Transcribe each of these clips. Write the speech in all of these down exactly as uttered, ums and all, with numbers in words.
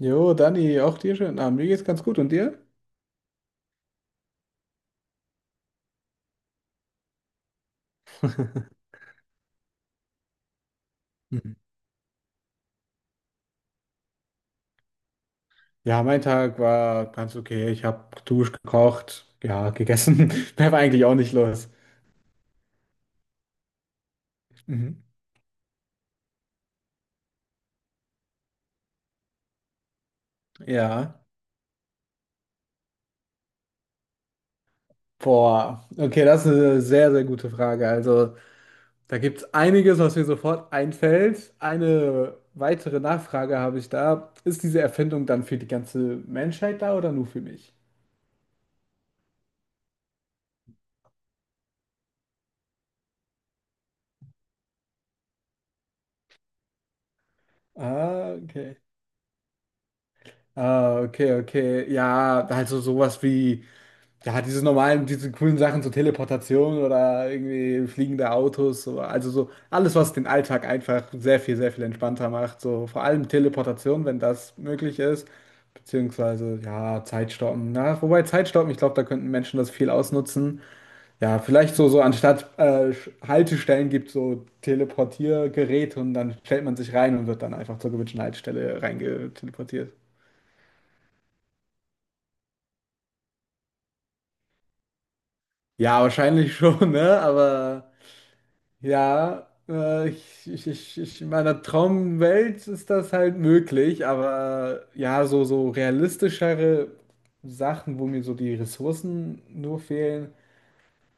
Jo, Dani, auch dir schönen Abend. Mir geht's ganz gut. Und dir? Mhm. Ja, mein Tag war ganz okay. Ich habe geduscht, gekocht, ja, gegessen. Mehr war eigentlich auch nicht los. Mhm. Ja, boah. Okay, das ist eine sehr, sehr gute Frage. Also, da gibt es einiges, was mir sofort einfällt. Eine weitere Nachfrage habe ich da. Ist diese Erfindung dann für die ganze Menschheit da oder nur für mich? Ah, okay. Ah, okay, okay. Ja, also sowas wie. Ja, diese normalen, diese coolen Sachen, so Teleportation oder irgendwie fliegende Autos, so, also so alles, was den Alltag einfach sehr viel, sehr viel entspannter macht. So vor allem Teleportation, wenn das möglich ist, beziehungsweise ja, Zeitstoppen. Na, wobei Zeitstoppen, ich glaube, da könnten Menschen das viel ausnutzen. Ja, vielleicht so, so anstatt äh, Haltestellen gibt so Teleportiergeräte und dann stellt man sich rein und wird dann einfach zur gewünschten Haltestelle reingeteleportiert. Ja, wahrscheinlich schon, ne? Aber. Ja, äh, ich, ich, ich, ich, in meiner Traumwelt ist das halt möglich, aber äh, ja, so, so realistischere Sachen, wo mir so die Ressourcen nur fehlen,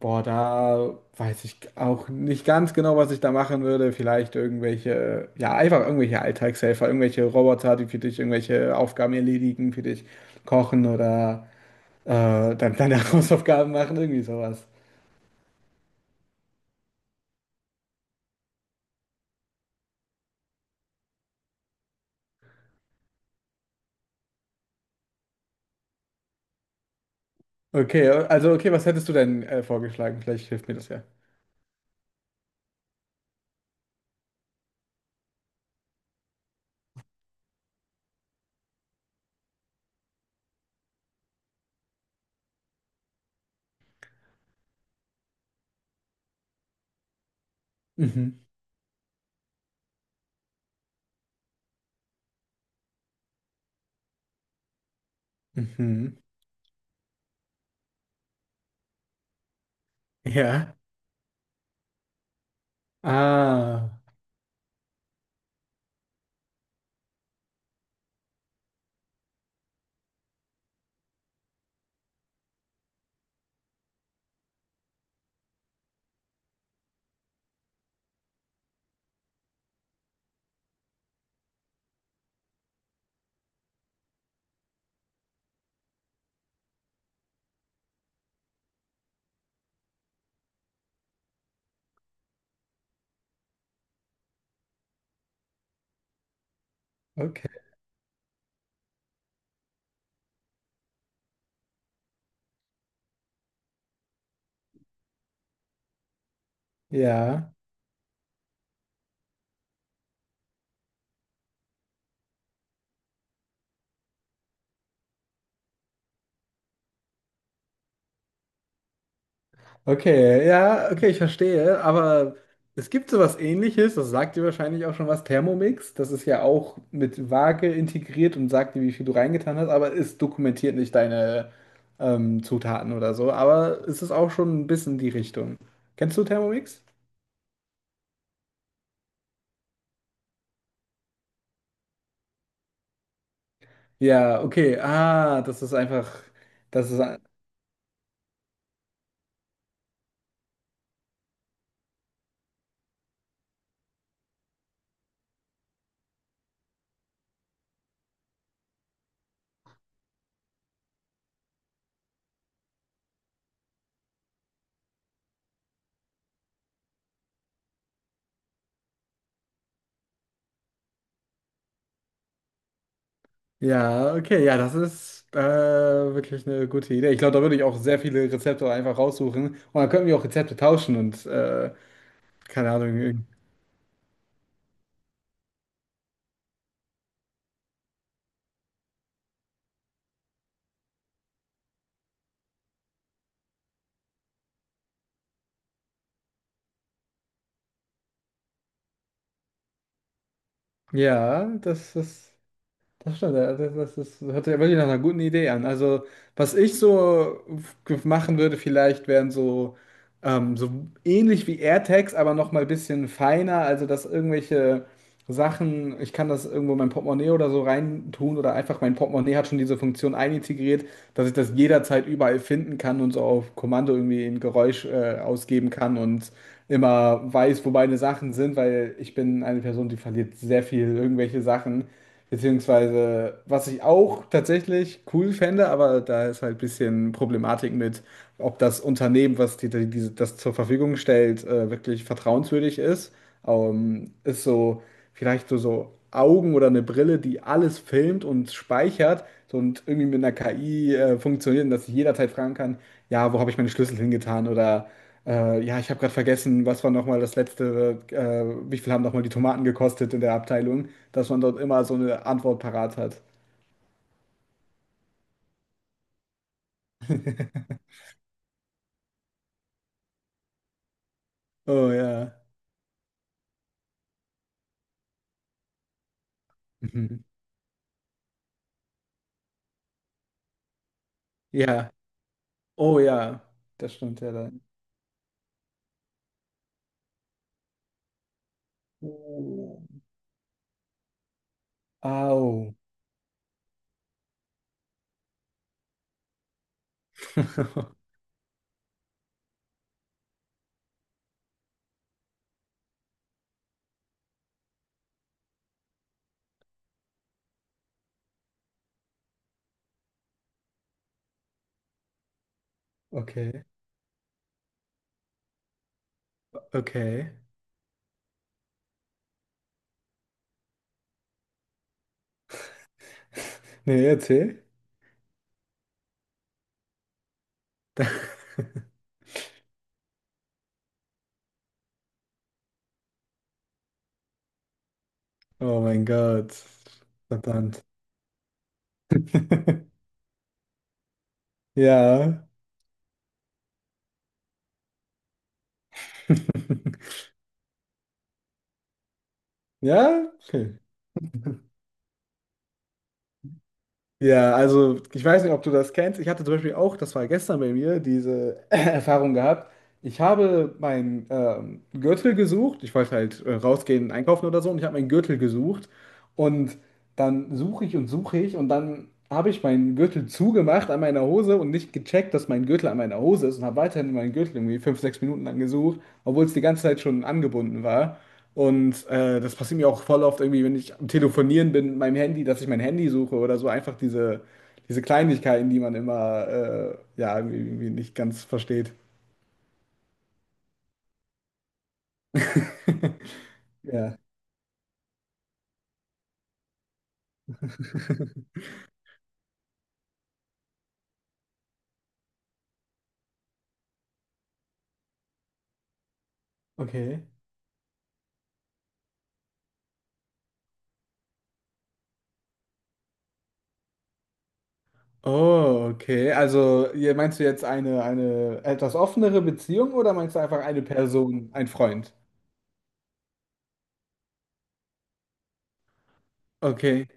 boah, da weiß ich auch nicht ganz genau, was ich da machen würde. Vielleicht irgendwelche, ja, einfach irgendwelche Alltagshelfer, irgendwelche Roboter, die für dich irgendwelche Aufgaben erledigen, für dich kochen oder äh, dann deine Hausaufgaben machen, irgendwie sowas. Okay, also okay, was hättest du denn äh, vorgeschlagen? Vielleicht hilft mir das ja. Mhm. Mhm. Ja. Ah, okay. Ja. Okay, ja, okay, ich verstehe. Aber es gibt sowas Ähnliches, das sagt dir wahrscheinlich auch schon was, Thermomix. Das ist ja auch mit Waage integriert und sagt dir, wie viel du reingetan hast, aber es dokumentiert nicht deine ähm, Zutaten oder so. Aber es ist auch schon ein bisschen die Richtung. Kennst du Thermomix? Ja, okay. Ah, das ist einfach, das ist. Ja, okay, ja, das ist äh, wirklich eine gute Idee. Ich glaube, da würde ich auch sehr viele Rezepte einfach raussuchen. Und dann könnten wir auch Rezepte tauschen und äh, keine Ahnung. Irgend- Ja, das ist. Das stimmt, ja, das, das, das hört sich ja wirklich nach einer guten Idee an. Also, was ich so f- machen würde, vielleicht wären so, ähm, so ähnlich wie AirTags, aber noch mal ein bisschen feiner. Also, dass irgendwelche Sachen, ich kann das irgendwo in mein Portemonnaie oder so reintun oder einfach mein Portemonnaie hat schon diese Funktion einintegriert, dass ich das jederzeit überall finden kann und so auf Kommando irgendwie ein Geräusch, äh, ausgeben kann und immer weiß, wo meine Sachen sind, weil ich bin eine Person, die verliert sehr viel irgendwelche Sachen. Beziehungsweise, was ich auch tatsächlich cool fände, aber da ist halt ein bisschen Problematik mit, ob das Unternehmen, was die, die, diese- das zur Verfügung stellt, äh, wirklich vertrauenswürdig ist. Ähm, ist so vielleicht so, so Augen oder eine Brille, die alles filmt und speichert so, und irgendwie mit einer K I äh, funktioniert und dass ich jederzeit fragen kann, ja, wo habe ich meine Schlüssel hingetan oder äh, ja, ich habe gerade vergessen, was war nochmal das letzte, äh, wie viel haben nochmal die Tomaten gekostet in der Abteilung, dass man dort immer so eine Antwort parat hat. Oh ja. Mhm. Ja. Oh ja. Das stimmt ja dann. Oh. Au. Okay. Okay. Nee, erzähl. Oh mein Gott. Verdammt. Ja. Ja. Okay. Ja, also ich weiß nicht, ob du das kennst. Ich hatte zum Beispiel auch, das war gestern bei mir, diese Erfahrung gehabt. Ich habe meinen ähm, Gürtel gesucht. Ich wollte halt äh, rausgehen, einkaufen oder so. Und ich habe meinen Gürtel gesucht. Und dann suche ich und suche ich. Und dann habe ich meinen Gürtel zugemacht an meiner Hose und nicht gecheckt, dass mein Gürtel an meiner Hose ist. Und habe weiterhin meinen Gürtel irgendwie fünf, sechs Minuten lang gesucht, obwohl es die ganze Zeit schon angebunden war. Und äh, das passiert mir auch voll oft irgendwie, wenn ich am Telefonieren bin mit meinem Handy, dass ich mein Handy suche oder so. Einfach diese, diese Kleinigkeiten, die man immer äh, ja, irgendwie irgendwie nicht ganz versteht. Ja, okay. Oh, okay. Also, ihr- meinst du jetzt eine, eine etwas offenere Beziehung oder meinst du einfach eine Person, ein Freund? Okay.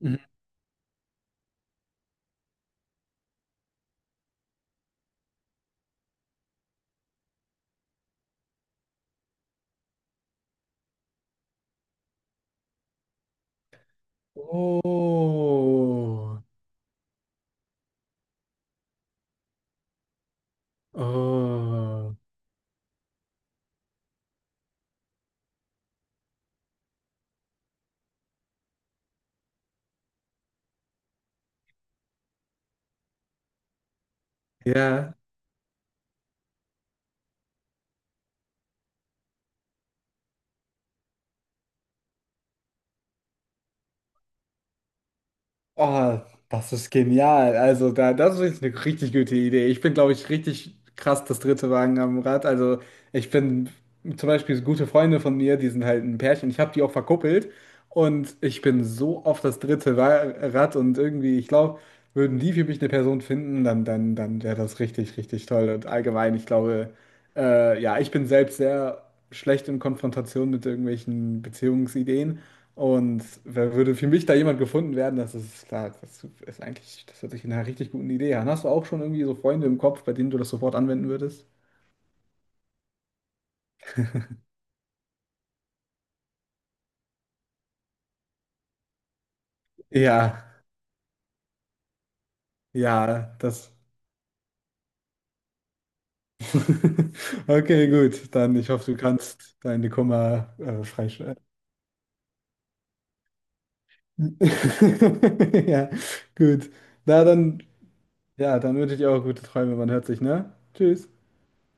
Mhm. Oh, oh. Ja. Oh, das ist genial. Also, da, das ist wirklich eine richtig gute Idee. Ich bin, glaube ich, richtig krass das dritte Wagen am Rad. Also, ich bin zum Beispiel so gute Freunde von mir, die sind halt ein Pärchen. Ich habe die auch verkuppelt und ich bin so oft das dritte Wa- Rad und irgendwie, ich glaube, würden die für mich eine Person finden, dann, dann, dann wäre das richtig, richtig toll. Und allgemein, ich glaube. Äh, ja, ich bin selbst sehr schlecht in Konfrontation mit irgendwelchen Beziehungsideen. Und wer würde für mich da jemand gefunden werden, das ist klar, das ist eigentlich, das hört sich nach einer richtig guten Idee an. Hast du auch schon irgendwie so Freunde im Kopf, bei denen du das sofort anwenden würdest? Ja, ja, das. Okay, gut. Dann ich hoffe, du kannst deine Kummer äh, freischalten. Ja, gut. Na dann, ja, dann wünsche ich dir auch gute Träume. Man hört sich, ne? Tschüss.